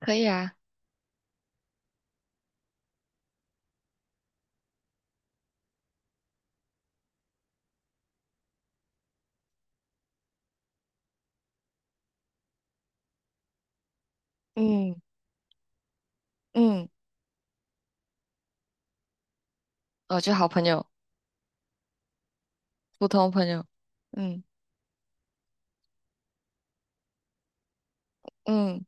可以啊，嗯嗯哦，就好朋友，普通朋友。嗯嗯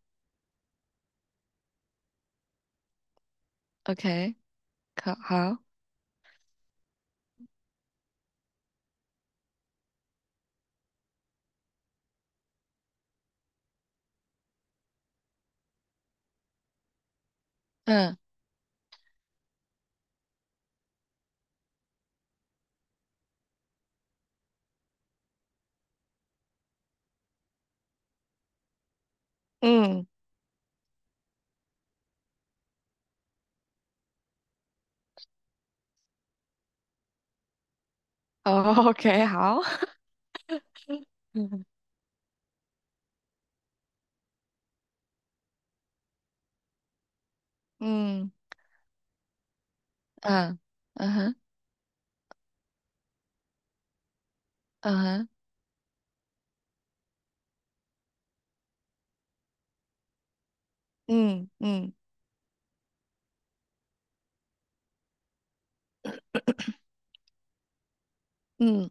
，OK，可好，嗯，嗯，哦，OK，好，嗯嗯嗯嗯哼嗯哼嗯嗯嗯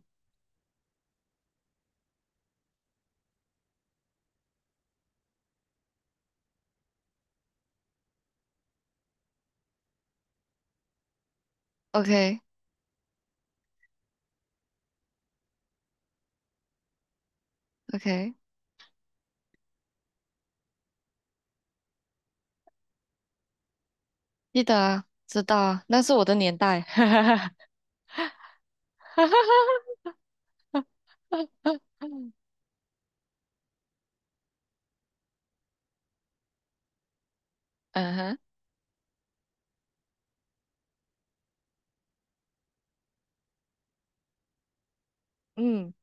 ，OK OK，记得啊，知道啊，那是我的年代。哈哈哈哈哈嗯哼，嗯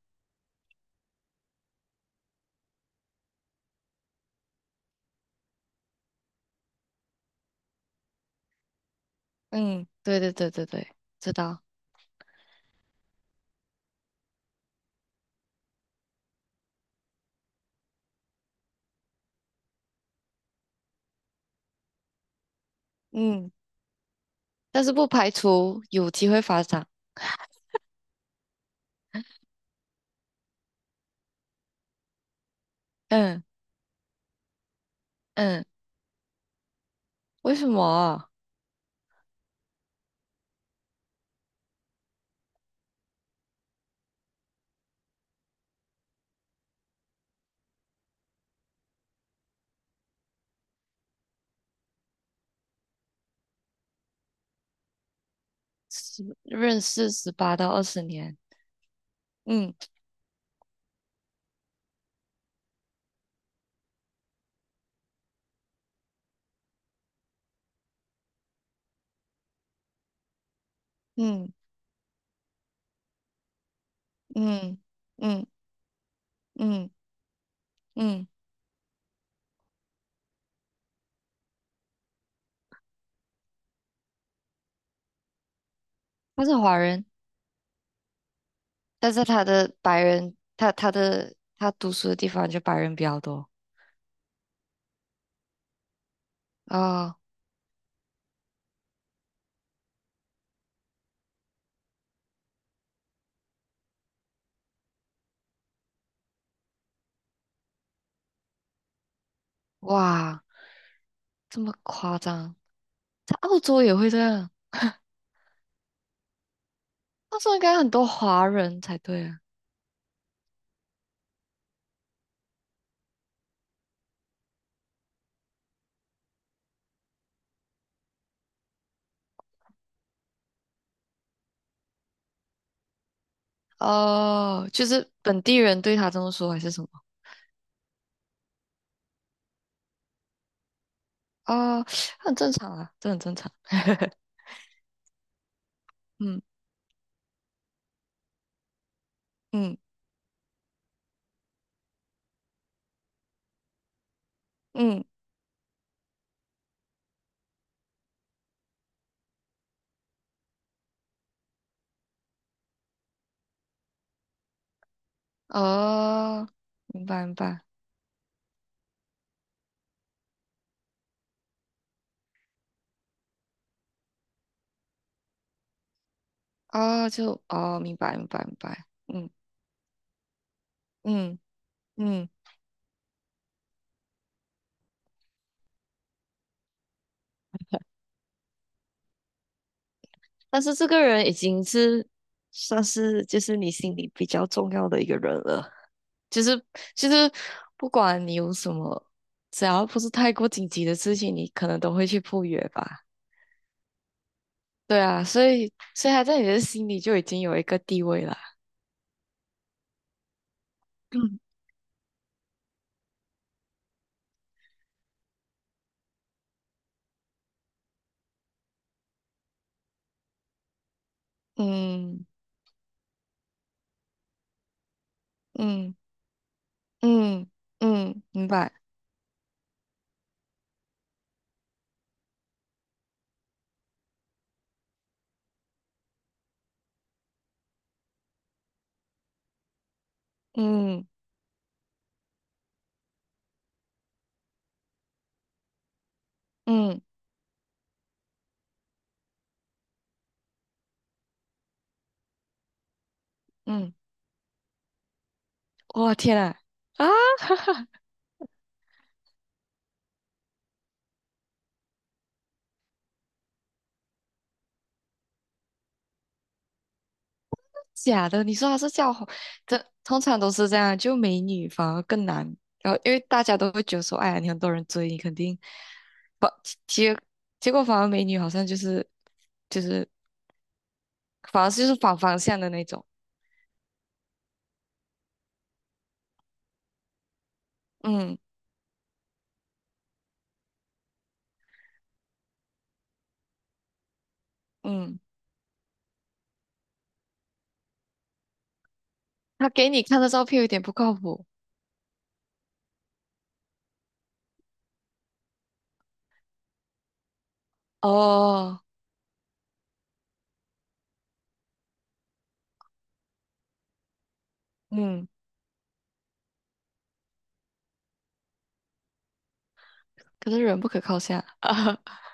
嗯对对对对对，知道，嗯但是不排除有机会发展。嗯嗯，为什么？十认识18到20年，嗯嗯嗯嗯嗯嗯，他是华人，但是他的白人，他读书的地方就白人比较多啊，哇，这么夸张，在澳洲也会这样，澳洲应该很多华人才对啊，哦，就是本地人对他这么说还是什么？哦，很正常啊，这很正常，嗯嗯嗯。哦，明白明白，哦，就哦，明白明白明白，嗯嗯嗯，但是这个人已经是算是就是你心里比较重要的一个人了，就是就是不管你有什么，只要不是太过紧急的事情，你可能都会去赴约吧。对啊，所以他在你的心里就已经有一个地位了。嗯嗯嗯嗯嗯，明白，嗯嗯嗯。哇天呐！啊，哈哈，假的！你说他是叫红，这通常都是这样，就美女反而更难。然后因为大家都会觉得说，哎呀，你很多人追你，肯定反结结果反而美女好像就是反而就是反方向的那种。嗯嗯，他给你看的照片有点不靠谱哦。嗯，可是人不可靠下。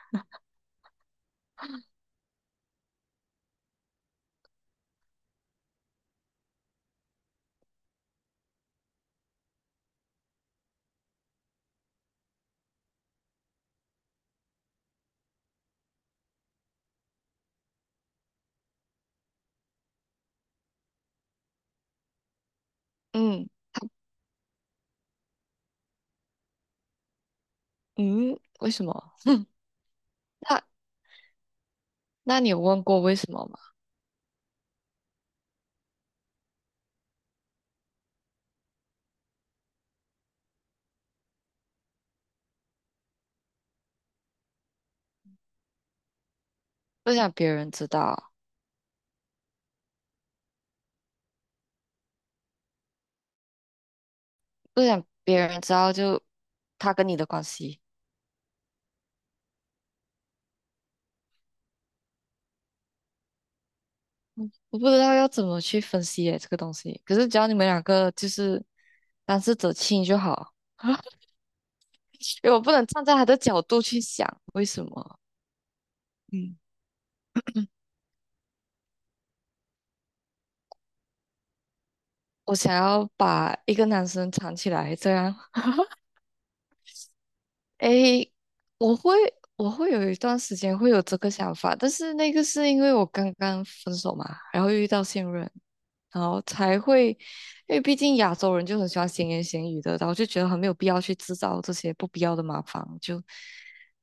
嗯嗯，为什么？那那你有问过为什么吗？不想别人知道。不想别人知道就他跟你的关系，我不知道要怎么去分析耶这个东西。可是只要你们两个就是当事者清就好，因为我不能站在他的角度去想为什么，嗯，我想要把一个男生藏起来这样。诶，我会我会有一段时间会有这个想法，但是那个是因为我刚刚分手嘛，然后又遇到现任，然后才会，因为毕竟亚洲人就很喜欢闲言闲语的，然后就觉得很没有必要去制造这些不必要的麻烦，就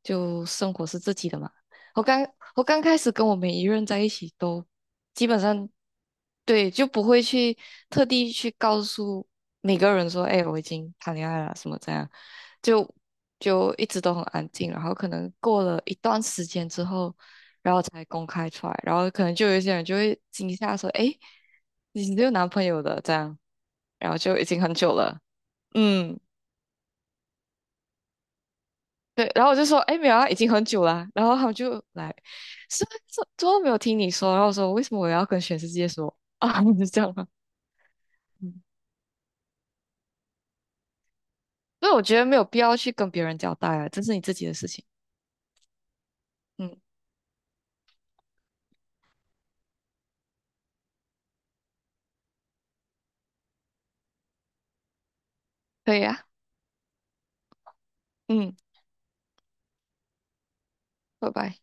就生活是自己的嘛。我刚我刚开始跟我每一任在一起都基本上对，就不会去特地去告诉每个人说，哎，我已经谈恋爱了，什么这样，就就一直都很安静，然后可能过了一段时间之后，然后才公开出来，然后可能就有一些人就会惊吓说，哎，你有男朋友的这样，然后就已经很久了，嗯。对，然后我就说，哎，没有啊，已经很久了啊。然后他们就来，是是，怎么没有听你说？然后我说，为什么我要跟全世界说啊？你是这样啊。嗯。所以我觉得没有必要去跟别人交代啊，这是你自己的事情。嗯，可以啊，嗯，拜拜。